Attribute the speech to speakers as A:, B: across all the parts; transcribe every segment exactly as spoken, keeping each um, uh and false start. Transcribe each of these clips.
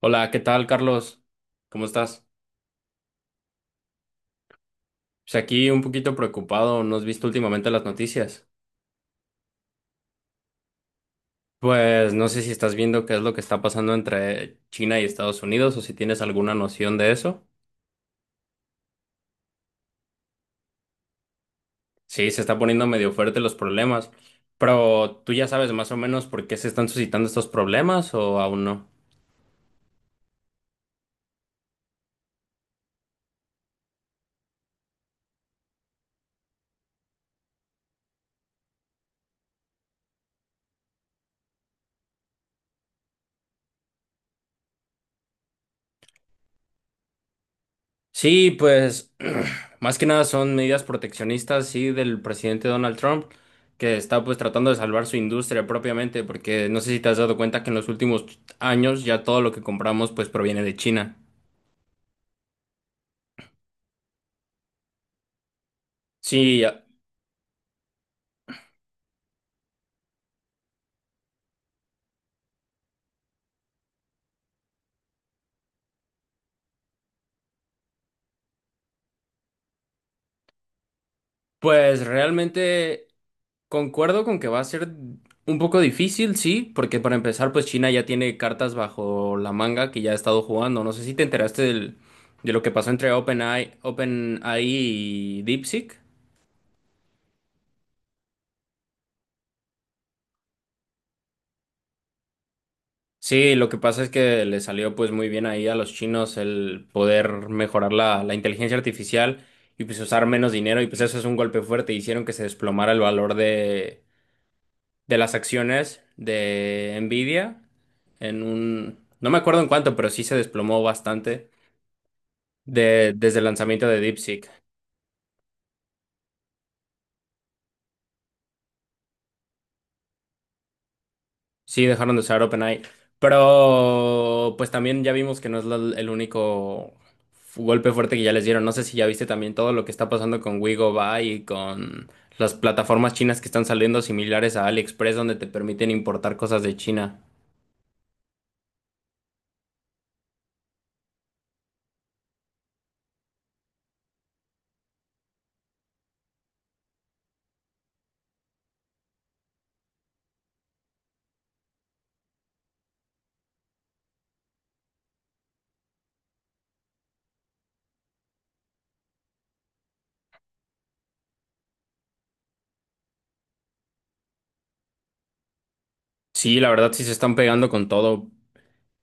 A: Hola, ¿qué tal, Carlos? ¿Cómo estás? Pues aquí un poquito preocupado, ¿no has visto últimamente las noticias? Pues no sé si estás viendo qué es lo que está pasando entre China y Estados Unidos o si tienes alguna noción de eso. Sí, se está poniendo medio fuerte los problemas, pero ¿tú ya sabes más o menos por qué se están suscitando estos problemas o aún no? Sí, pues más que nada son medidas proteccionistas, sí, del presidente Donald Trump, que está pues tratando de salvar su industria propiamente, porque no sé si te has dado cuenta que en los últimos años ya todo lo que compramos pues proviene de China. Sí, ya- pues realmente concuerdo con que va a ser un poco difícil, sí, porque para empezar pues China ya tiene cartas bajo la manga que ya ha estado jugando. No sé si te enteraste del- de lo que pasó entre OpenAI, OpenAI y DeepSeek. Sí, lo que pasa es que le salió pues muy bien ahí a los chinos el poder mejorar la, la inteligencia artificial y pues usar menos dinero y pues eso es un golpe fuerte. Hicieron que se desplomara el valor de, de las acciones de Nvidia en un... No me acuerdo en cuánto, pero sí se desplomó bastante de- desde el lanzamiento de DeepSeek. Sí, dejaron de usar OpenAI. Pero pues también ya vimos que no es la- el único fu- golpe fuerte que ya les dieron. No sé si ya viste también todo lo que está pasando con Wigobyte y con las plataformas chinas que están saliendo similares a AliExpress donde te permiten importar cosas de China. Sí, la verdad sí se están pegando con todo.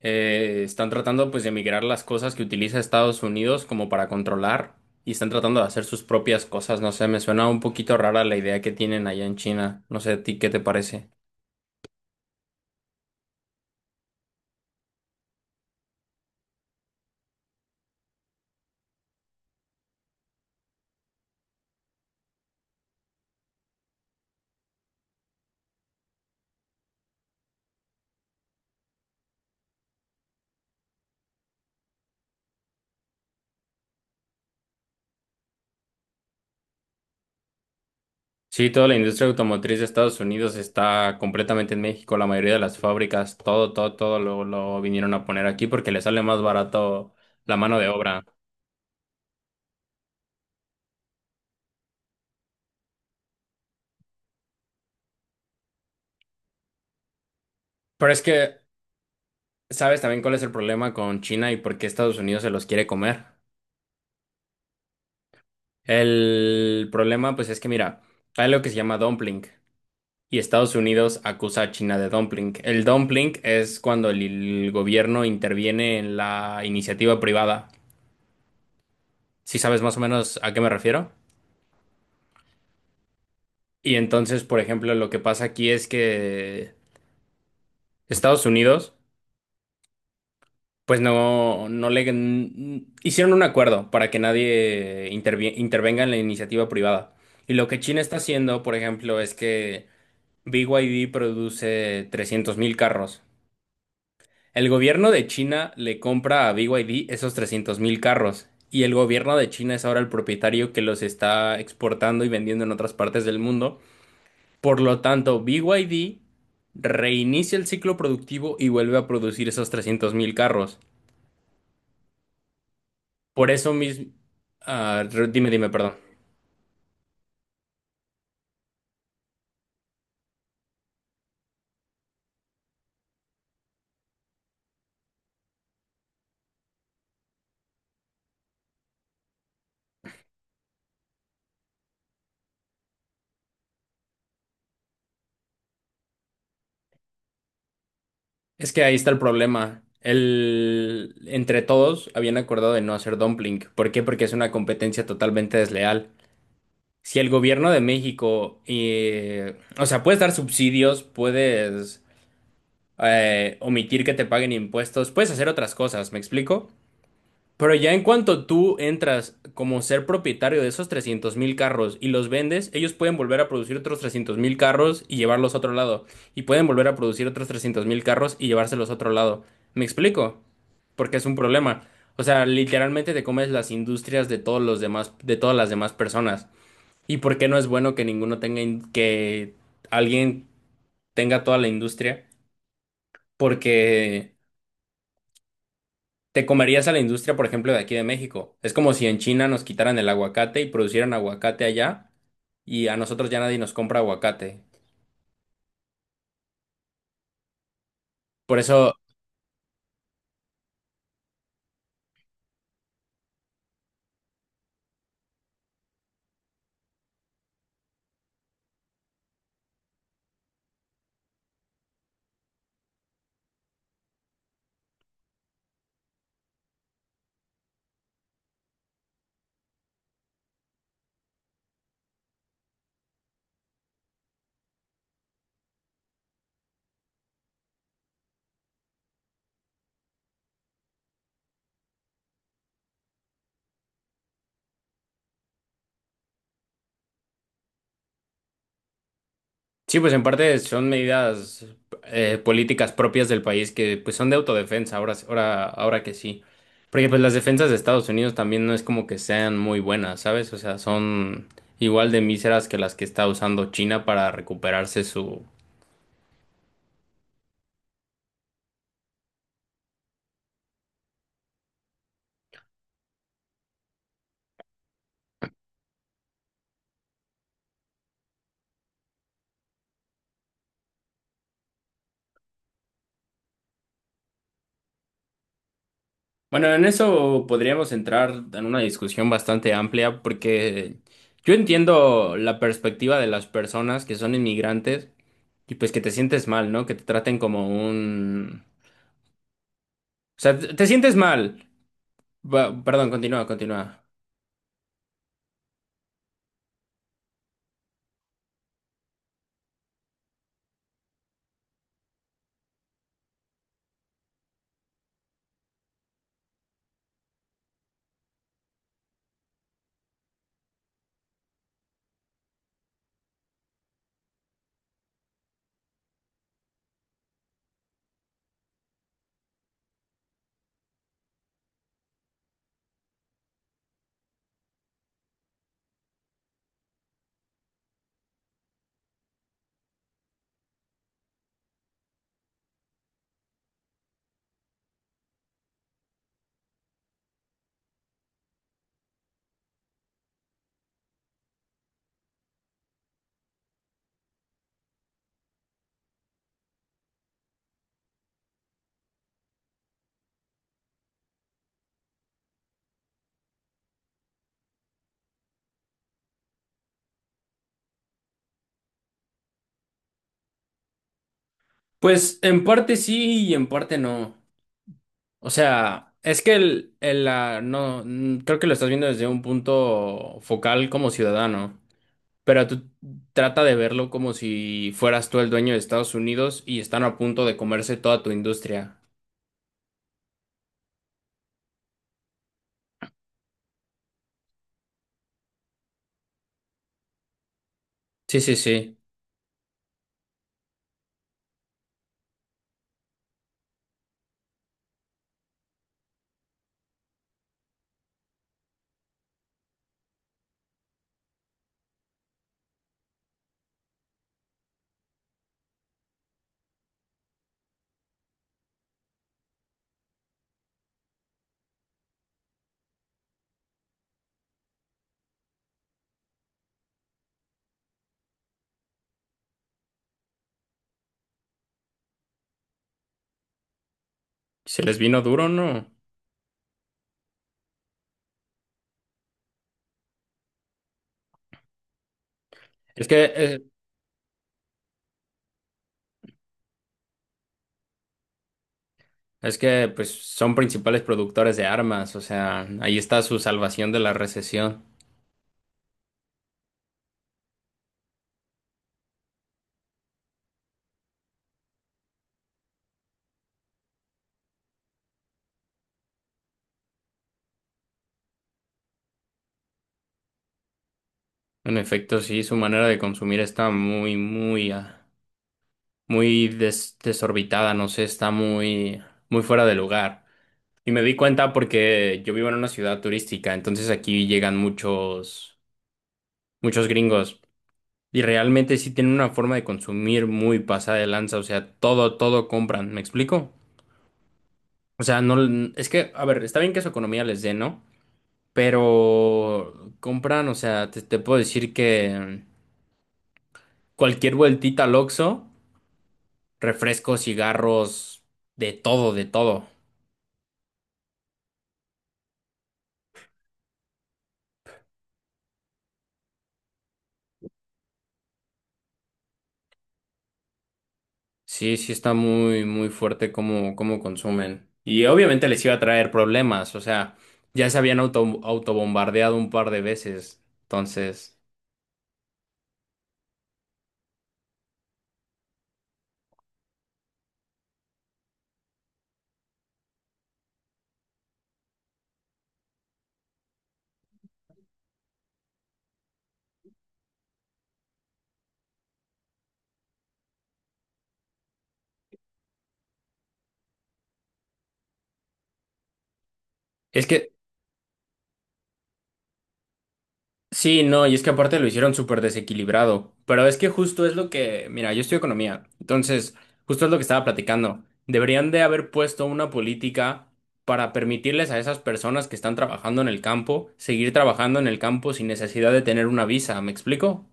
A: Eh, están tratando pues de migrar las cosas que utiliza Estados Unidos como para controlar y están tratando de hacer sus propias cosas. No sé, me suena un poquito rara la idea que tienen allá en China. No sé, ¿a ti qué te parece? Sí, toda la industria automotriz de Estados Unidos está completamente en México. La mayoría de las fábricas, todo, todo, todo lo, lo vinieron a poner aquí porque le sale más barato la mano de obra. Pero es que, ¿sabes también cuál es el problema con China y por qué Estados Unidos se los quiere comer? El problema, pues es que, mira, hay lo que se llama dumpling y Estados Unidos acusa a China de dumpling. El dumpling es cuando el el gobierno interviene en la iniciativa privada. ¿Sí sabes más o menos a qué me refiero? Y entonces, por ejemplo, lo que pasa aquí es que Estados Unidos, pues no, no le n- hicieron un acuerdo para que nadie intervie- intervenga en la iniciativa privada. Y lo que China está haciendo, por ejemplo, es que B Y D produce trescientos mil carros. El gobierno de China le compra a B Y D esos trescientos mil carros. Y el gobierno de China es ahora el propietario que los está exportando y vendiendo en otras partes del mundo. Por lo tanto, B Y D reinicia el ciclo productivo y vuelve a producir esos trescientos mil carros. Por eso mismo... ah, re- dime, dime, perdón. Es que ahí está el problema. El... Entre todos habían acordado de no hacer dumpling. ¿Por qué? Porque es una competencia totalmente desleal. Si el gobierno de México, eh, o sea, puedes dar subsidios, puedes eh, omitir que te paguen impuestos, puedes hacer otras cosas, ¿me explico? Pero ya en cuanto tú entras como ser propietario de esos trescientos mil carros y los vendes, ellos pueden volver a producir otros trescientos mil carros y llevarlos a otro lado. Y pueden volver a producir otros trescientos mil carros y llevárselos a otro lado. ¿Me explico? Porque es un problema. O sea, literalmente te comes las industrias de todos los demás, de todas las demás personas. ¿Y por qué no es bueno que ninguno tenga, in- que alguien tenga toda la industria? Porque... ¿te comerías a la industria, por ejemplo, de aquí de México? Es como si en China nos quitaran el aguacate y producieran aguacate allá y a nosotros ya nadie nos compra aguacate. Por eso, sí, pues en parte son medidas eh, políticas propias del país que pues son de autodefensa, ahora, ahora, ahora que sí. Porque pues las defensas de Estados Unidos también no es como que sean muy buenas, ¿sabes? O sea, son igual de míseras que las que está usando China para recuperarse su... Bueno, en eso podríamos entrar en una discusión bastante amplia porque yo entiendo la perspectiva de las personas que son inmigrantes y pues que te sientes mal, ¿no? Que te traten como un... O sea, te, te sientes mal. Va- perdón, continúa, continúa. Pues en parte sí y en parte no. O sea, es que el, el, ah, no, mm, creo que lo estás viendo desde un punto focal como ciudadano. Pero tú trata de verlo como si fueras tú el dueño de Estados Unidos y están a punto de comerse toda tu industria. Sí, sí, sí. Se les vino duro, ¿no? Es que, eh, es que, pues, son principales productores de armas. O sea, ahí está su salvación de la recesión. En efecto, sí, su manera de consumir está muy, muy, ah, muy des- desorbitada. No sé, está muy, muy fuera de lugar. Y me di cuenta porque yo vivo en una ciudad turística, entonces aquí llegan muchos, muchos gringos. Y realmente sí tienen una forma de consumir muy pasada de lanza, o sea, todo, todo compran, ¿me explico? O sea, no, es que, a ver, está bien que su economía les dé, ¿no? Pero compran, o sea, te, te puedo decir que cualquier vueltita al Oxxo, refrescos, cigarros, de todo, de todo. Sí, sí está muy, muy fuerte cómo, cómo consumen. Y obviamente les iba a traer problemas, o sea, ya se habían auto, autobombardeado un par de veces, entonces... Es que... Sí, no, y es que aparte lo hicieron súper desequilibrado, pero es que justo es lo que, mira, yo estudio economía, entonces justo es lo que estaba platicando. Deberían de haber puesto una política para permitirles a esas personas que están trabajando en el campo seguir trabajando en el campo sin necesidad de tener una visa, ¿me explico?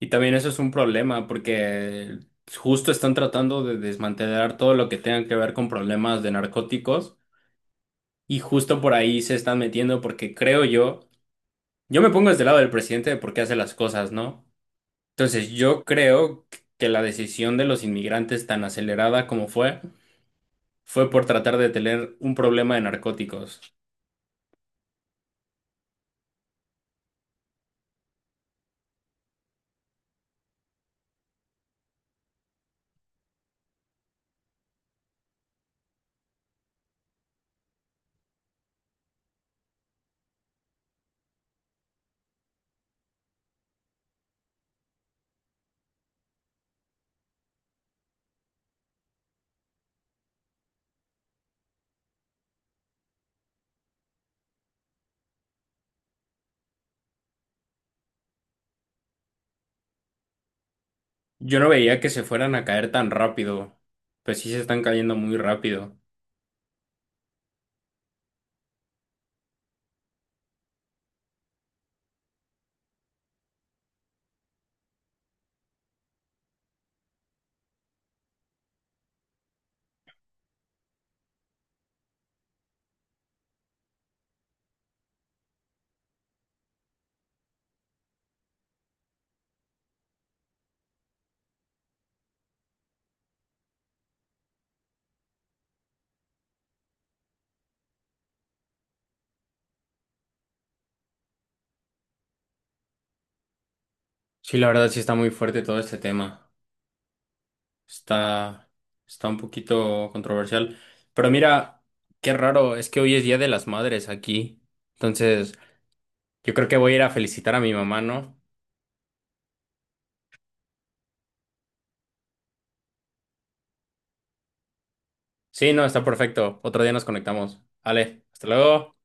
A: Y también eso es un problema porque justo están tratando de desmantelar todo lo que tenga que ver con problemas de narcóticos. Y justo por ahí se están metiendo porque creo yo... Yo me pongo desde el lado del presidente de por qué hace las cosas, ¿no? Entonces, yo creo que la decisión de los inmigrantes tan acelerada como fue, fue por tratar de tener un problema de narcóticos. Yo no veía que se fueran a caer tan rápido. Pues sí se están cayendo muy rápido. Sí, la verdad sí está muy fuerte todo este tema. Está, está un poquito controversial. Pero mira, qué raro, es que hoy es Día de las Madres aquí. Entonces, yo creo que voy a ir a felicitar a mi mamá, ¿no? Sí, no, está perfecto. Otro día nos conectamos. Vale, hasta luego.